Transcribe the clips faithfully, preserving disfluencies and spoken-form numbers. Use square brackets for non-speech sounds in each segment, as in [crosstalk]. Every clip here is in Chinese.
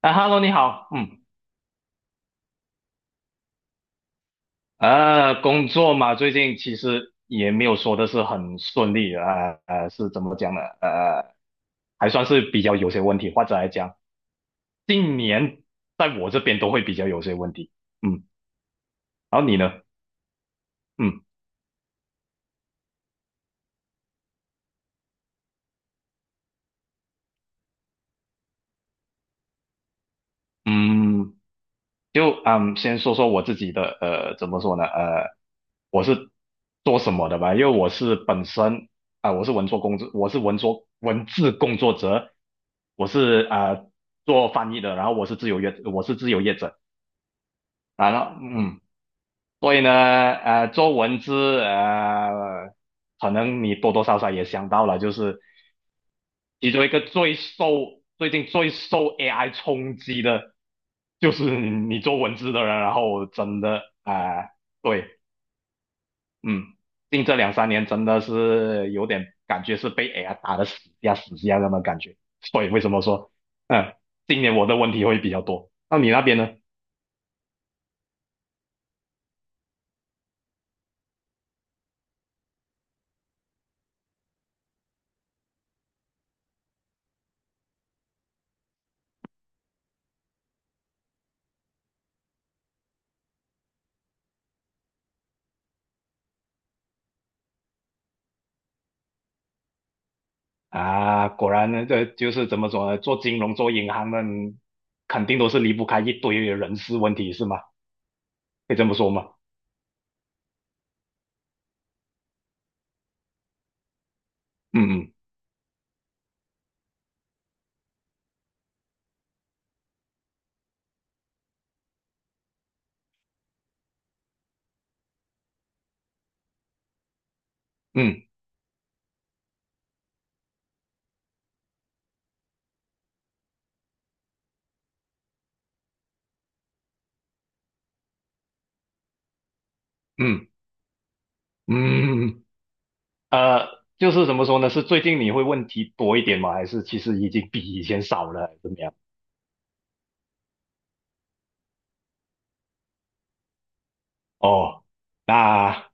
啊，Hello，你好，嗯，呃，工作嘛，最近其实也没有说的是很顺利，呃呃，是怎么讲呢？呃，还算是比较有些问题，或者来讲，近年在我这边都会比较有些问题，嗯，然后你呢？嗯嗯。就嗯，先说说我自己的呃，怎么说呢？呃，我是做什么的吧？因为我是本身啊、我是文作工作，我是文作文字工作者，我是啊、呃做翻译的，然后我是自由业，我是自由业者，然后嗯，所以呢，呃，做文字呃，可能你多多少少也想到了，就是其中一个最受最近最受 A I 冲击的，就是你做文字的人，然后真的啊、呃对，嗯，近这两三年真的是有点感觉是被 A I 打的死下死下那么感觉，所以为什么说，嗯，今年我的问题会比较多，那你那边呢？啊，果然呢，这就是怎么说呢？做金融、做银行的，肯定都是离不开一堆人事问题，是吗？可以这么说吗？嗯嗯嗯嗯嗯。呃，就是怎么说呢？是最近你会问题多一点吗？还是其实已经比以前少了，还是怎么样？哦，那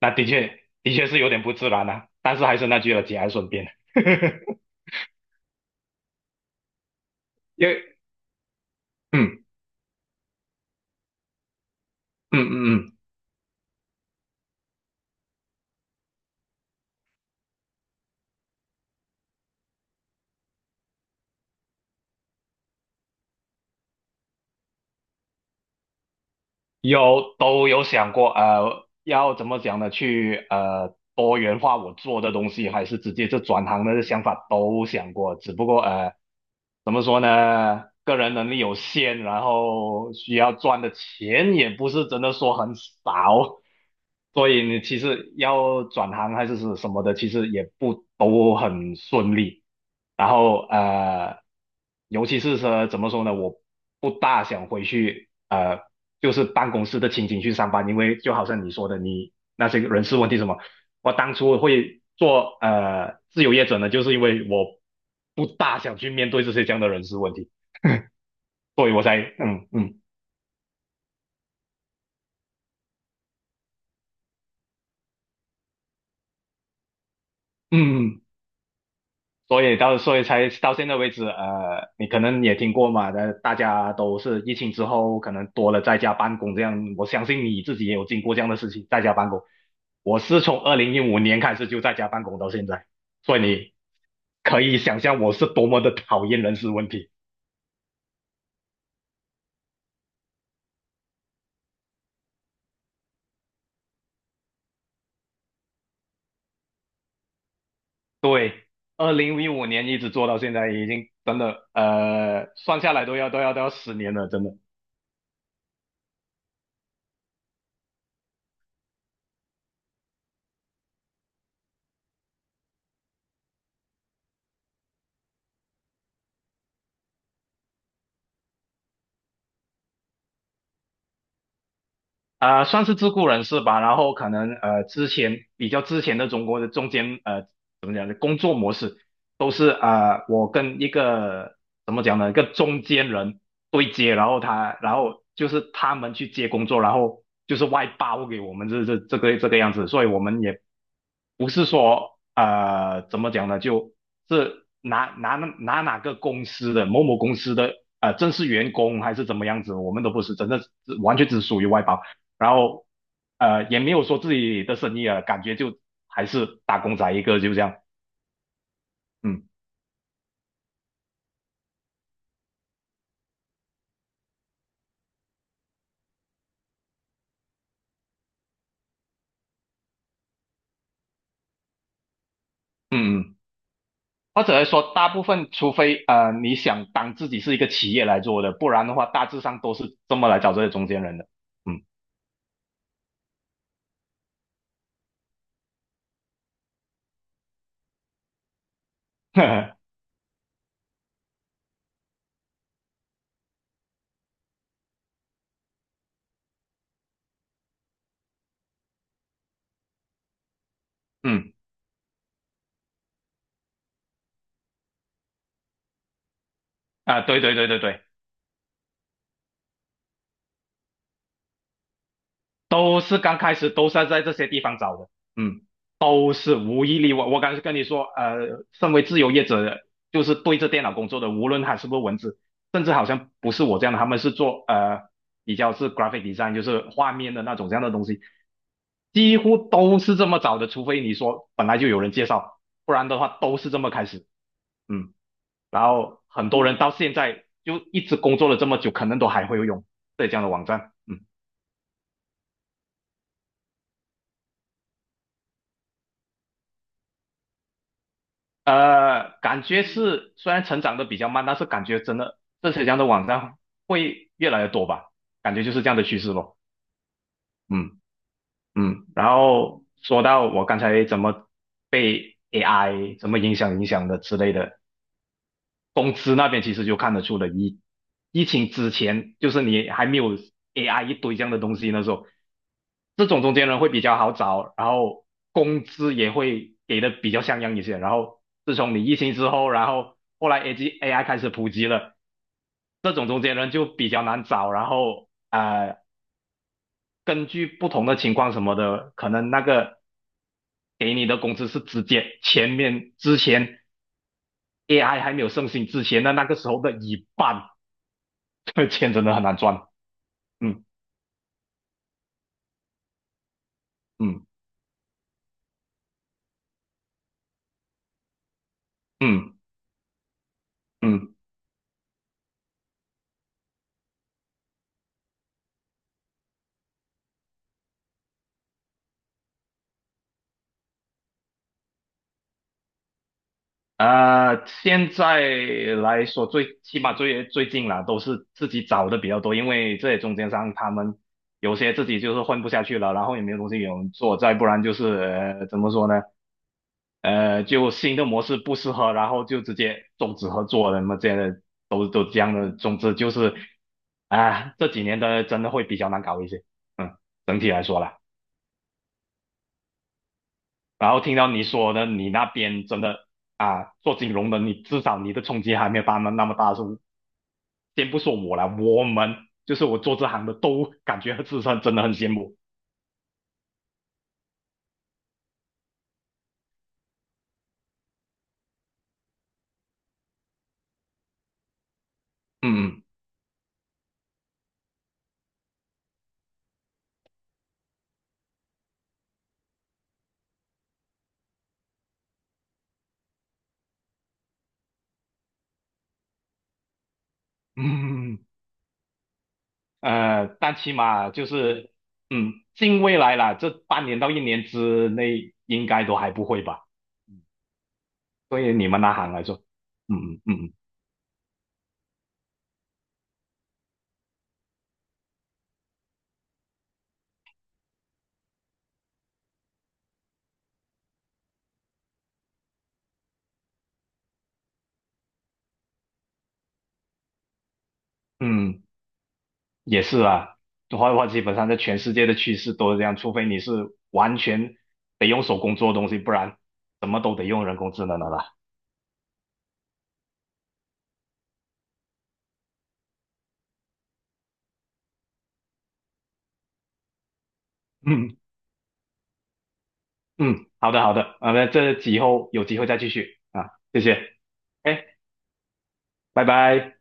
那的确的确是有点不自然啊，但是还是那句了，节哀顺变。[laughs] 因为嗯嗯嗯嗯，有都有想过，呃，要怎么讲呢？去呃多元化我做的东西，还是直接就转行的想法都想过，只不过呃怎么说呢，个人能力有限，然后需要赚的钱也不是真的说很少，所以你其实要转行还是是什么的，其实也不都很顺利，然后呃。尤其是说怎么说呢，我不大想回去，呃，就是办公室的情景去上班，因为就好像你说的，你那些人事问题什么，我当初会做呃自由业者呢，就是因为我不大想去面对这些这样的人事问题，[laughs] 所以我才嗯嗯嗯嗯所以到所以才到现在为止，呃，你可能也听过嘛，呃，大家都是疫情之后可能多了在家办公这样，我相信你自己也有经过这样的事情，在家办公。我是从二零一五年开始就在家办公到现在，所以你可以想象我是多么的讨厌人事问题。对，二零一五年一直做到现在，已经真的呃算下来都要都要都要十年了，真的。啊、算是自雇人士吧。然后可能呃，之前比较之前的中国的中间呃，怎么讲呢？工作模式都是呃，我跟一个怎么讲呢，一个中间人对接，然后他，然后就是他们去接工作，然后就是外包给我们这这这个这个样子。所以我们也不是说呃怎么讲呢，就是拿拿拿哪个公司的某某公司的呃正式员工还是怎么样子，我们都不是，真的是完全只属于外包，然后呃也没有说自己的生意啊，感觉就还是打工仔一个，就这样，嗯嗯嗯，或者来说大部分，除非呃你想当自己是一个企业来做的，不然的话大致上都是这么来找这些中间人的，嗯 [laughs] 嗯啊，对对对对对。都是刚开始都是在这些地方找的，嗯，都是无一例外。我刚才跟你说，呃，身为自由业者，就是对着电脑工作的，无论他是不是文字，甚至好像不是我这样的，他们是做呃比较是 graphic design，就是画面的那种这样的东西，几乎都是这么找的，除非你说本来就有人介绍，不然的话都是这么开始，嗯，然后很多人到现在就一直工作了这么久，可能都还会用浙江的网站，嗯。呃，感觉是虽然成长的比较慢，但是感觉真的这些这样的网站会越来越多吧，感觉就是这样的趋势咯。嗯嗯，然后说到我刚才怎么被 A I 怎么影响影响的之类的，工资那边其实就看得出了疫疫情之前，就是你还没有 A I 一堆这样的东西那时候，这种中间人会比较好找，然后工资也会给的比较像样一些。然后自从你疫情之后，然后后来 A G A I 开始普及了，这种中间人就比较难找。然后呃，根据不同的情况什么的，可能那个给你的工资是直接前面之前 A I 还没有盛行之前的那个时候的一半。[laughs] 这钱真的很难赚。嗯嗯嗯嗯，啊、现在来说最起码最最近啦，都是自己找的比较多，因为这些中间商他们有些自己就是混不下去了，然后也没有东西给我们做，再不然就是呃怎么说呢？呃，就新的模式不适合，然后就直接终止合作了，那么这样的都都这样的，总之就是啊、这几年的真的会比较难搞一些。嗯，整体来说啦。然后听到你说的，你那边真的啊，做金融的，你至少你的冲击还没有他们那么大。时候，先不说我了，我们就是我做这行的都感觉自身真的很羡慕。嗯嗯嗯嗯嗯，呃，但起码就是嗯，近未来啦，这半年到一年之内应该都还不会吧？对于你们那行来说，嗯嗯嗯嗯。也是啊，画话基本上在全世界的趋势都是这样，除非你是完全得用手工做的东西，不然什么都得用人工智能的啦。嗯嗯，好的好的，啊，那这以后有机会再继续啊，谢谢，哎，拜拜。